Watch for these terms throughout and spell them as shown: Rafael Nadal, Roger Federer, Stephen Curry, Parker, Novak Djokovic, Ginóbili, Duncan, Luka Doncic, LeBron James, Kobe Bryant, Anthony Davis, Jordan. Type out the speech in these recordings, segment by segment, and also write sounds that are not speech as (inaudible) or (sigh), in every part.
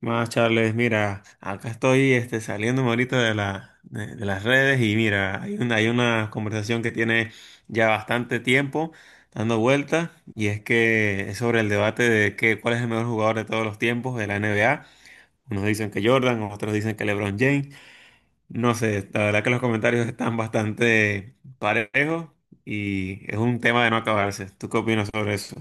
Más Charles, mira, acá estoy saliéndome ahorita de las redes y mira, hay una conversación que tiene ya bastante tiempo dando vueltas y es que es sobre el debate de que, cuál es el mejor jugador de todos los tiempos de la NBA. Unos dicen que Jordan, otros dicen que LeBron James. No sé, la verdad que los comentarios están bastante parejos y es un tema de no acabarse. ¿Tú qué opinas sobre eso?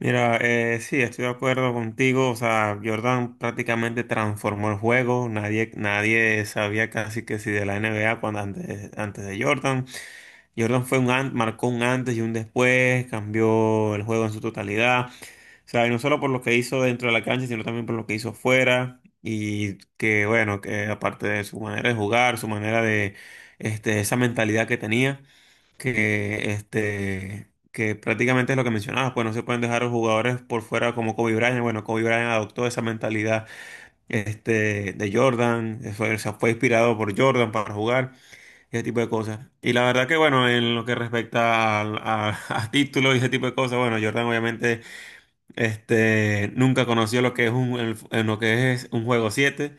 Mira, sí, estoy de acuerdo contigo. O sea, Jordan prácticamente transformó el juego. Nadie sabía casi que si de la NBA cuando antes de Jordan. Jordan marcó un antes y un después, cambió el juego en su totalidad. O sea, y no solo por lo que hizo dentro de la cancha, sino también por lo que hizo fuera. Y que bueno, que aparte de su manera de jugar, su manera de esa mentalidad que tenía que prácticamente es lo que mencionabas, pues no se pueden dejar a los jugadores por fuera como Kobe Bryant. Bueno, Kobe Bryant adoptó esa mentalidad de Jordan, fue inspirado por Jordan para jugar, ese tipo de cosas. Y la verdad que bueno, en lo que respecta a, (laughs) a títulos y ese tipo de cosas. Bueno, Jordan obviamente nunca conoció lo que es en lo que es un juego 7.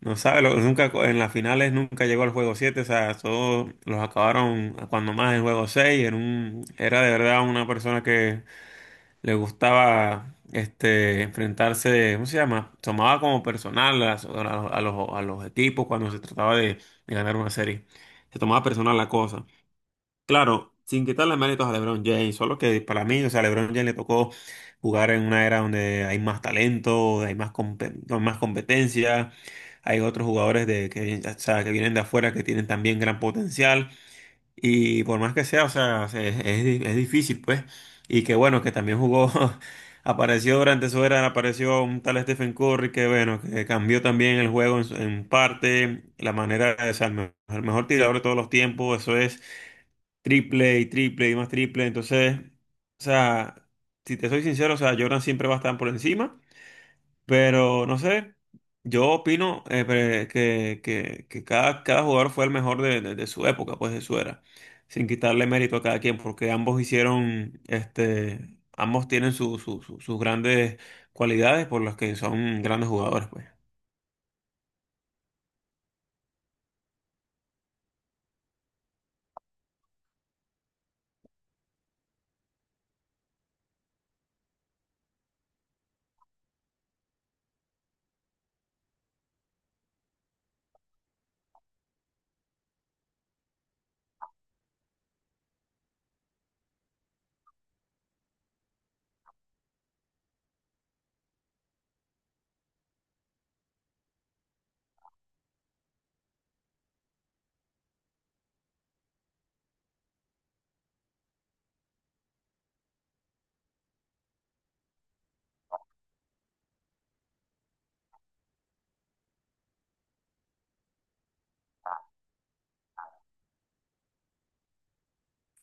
No sabe, lo- nunca co- en las finales nunca llegó al juego 7. O sea, todos los acabaron a cuando más en juego 6. Era de verdad una persona que le gustaba enfrentarse. ¿Cómo se llama? Tomaba como personal a los equipos cuando se trataba de ganar una serie. Se tomaba personal la cosa. Claro, sin quitarle méritos a LeBron James, solo que para mí, o sea, LeBron James le tocó jugar en una era donde hay más talento, hay más, con más competencia, hay otros jugadores que, o sea, que vienen de afuera que tienen también gran potencial, y por más que sea, o sea, es difícil, pues, y que bueno, que también jugó, (laughs) apareció durante su era, apareció un tal Stephen Curry que bueno, que cambió también el juego en parte, la manera, o sea, el mejor tirador de todos los tiempos. Eso es triple y triple y más triple. Entonces, o sea, si te soy sincero, o sea, Jordan siempre va a estar por encima, pero no sé, yo opino, que cada jugador fue el mejor de su época, pues de su era, sin quitarle mérito a cada quien, porque ambos ambos tienen sus grandes cualidades por las que son grandes jugadores, pues.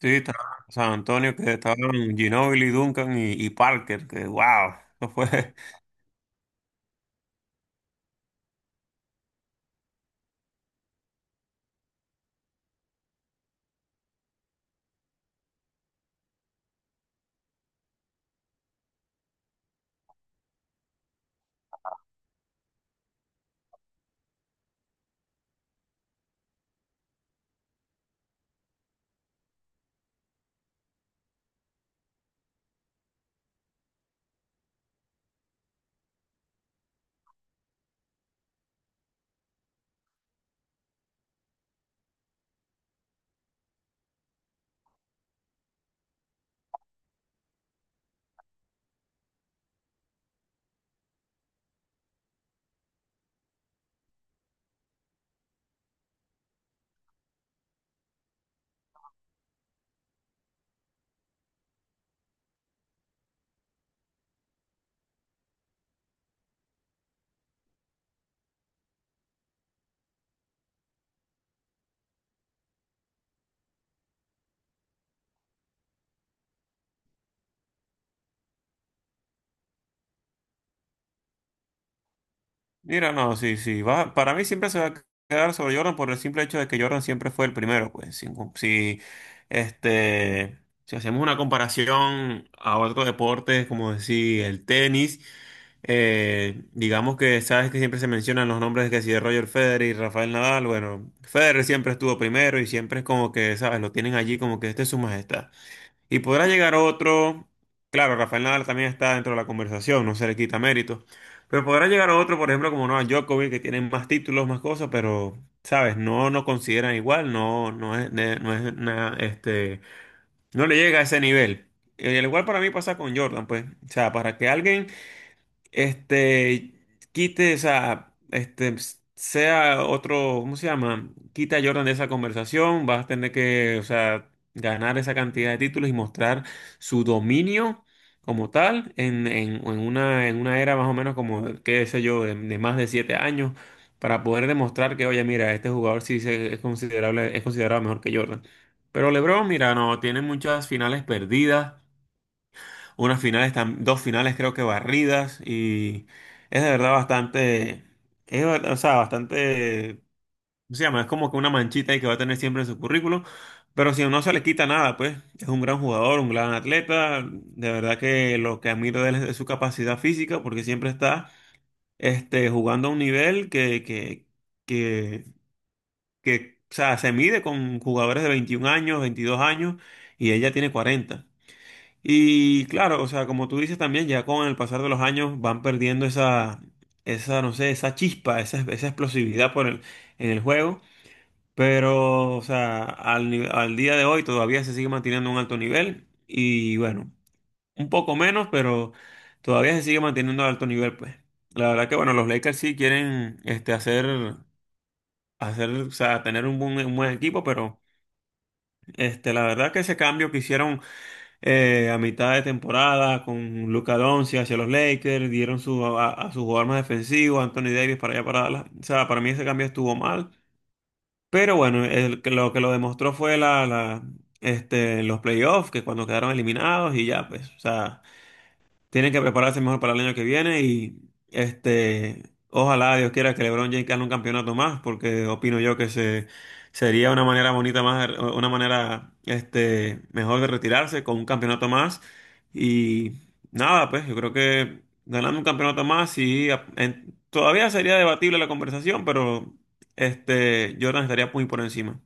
Sí, estaba San Antonio, que estaban Ginóbili, Duncan y Parker, que wow, no fue. Mira, no, sí, sí. Va, para mí siempre se va a quedar sobre Jordan por el simple hecho de que Jordan siempre fue el primero, pues. Si, no, si, este, si hacemos una comparación a otros deportes, como decir el tenis, digamos que sabes que siempre se mencionan los nombres que si de Roger Federer y Rafael Nadal. Bueno, Federer siempre estuvo primero y siempre es como que, sabes, lo tienen allí como que este es su majestad. Y podrá llegar otro, claro, Rafael Nadal también está dentro de la conversación, no se le quita mérito, pero podrá llegar otro, por ejemplo, como Novak Djokovic, que tiene más títulos, más cosas, pero, ¿sabes? No nos consideran igual, no, no es, ne- no es na- este, no le llega a ese nivel. Y al igual para mí pasa con Jordan, pues, o sea, para que alguien este, quite esa, sea otro. ¿Cómo se llama? Quita a Jordan de esa conversación, vas a tener que, o sea, ganar esa cantidad de títulos y mostrar su dominio como tal en, en una era más o menos como, qué sé yo, de más de 7 años, para poder demostrar que, oye, mira, este jugador sí es considerable, es considerado mejor que Jordan. Pero LeBron, mira, no, tiene muchas finales perdidas. Unas finales, dos finales creo que barridas y es de verdad bastante, o sea, bastante. ¿Cómo se llama? Es como que una manchita ahí que va a tener siempre en su currículum, pero si no se le quita nada, pues es un gran jugador, un gran atleta. De verdad que lo que admiro de él es su capacidad física porque siempre está jugando a un nivel que, que, o sea, se mide con jugadores de 21 años, 22 años, y ella tiene 40. Y claro, o sea, como tú dices también, ya con el pasar de los años van perdiendo no sé, esa chispa, esa explosividad en el juego. Pero, o sea, al, ni- al día de hoy todavía se sigue manteniendo un alto nivel. Y bueno, un poco menos, pero todavía se sigue manteniendo alto nivel, pues. La verdad que, bueno, los Lakers sí quieren o sea, tener un buen equipo, pero la verdad que ese cambio que hicieron, a mitad de temporada con Luka Doncic hacia los Lakers, dieron a su jugador más defensivo, Anthony Davis, para allá para Dallas. O sea, para mí ese cambio estuvo mal, pero bueno, lo que lo demostró fue los playoffs, que cuando quedaron eliminados y ya, pues, o sea. Tienen que prepararse mejor para el año que viene y este, ojalá Dios quiera que LeBron James gane un campeonato más, porque opino yo sería una manera bonita más, una manera mejor de retirarse con un campeonato más. Y nada, pues yo creo que ganando un campeonato más, sí, todavía sería debatible la conversación, pero Jordan estaría muy por encima.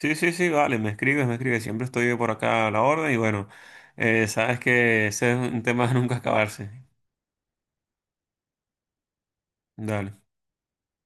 Sí, sí, sí, vale, me escribes, siempre estoy por acá a la orden y bueno, sabes que ese es un tema de nunca acabarse. Dale.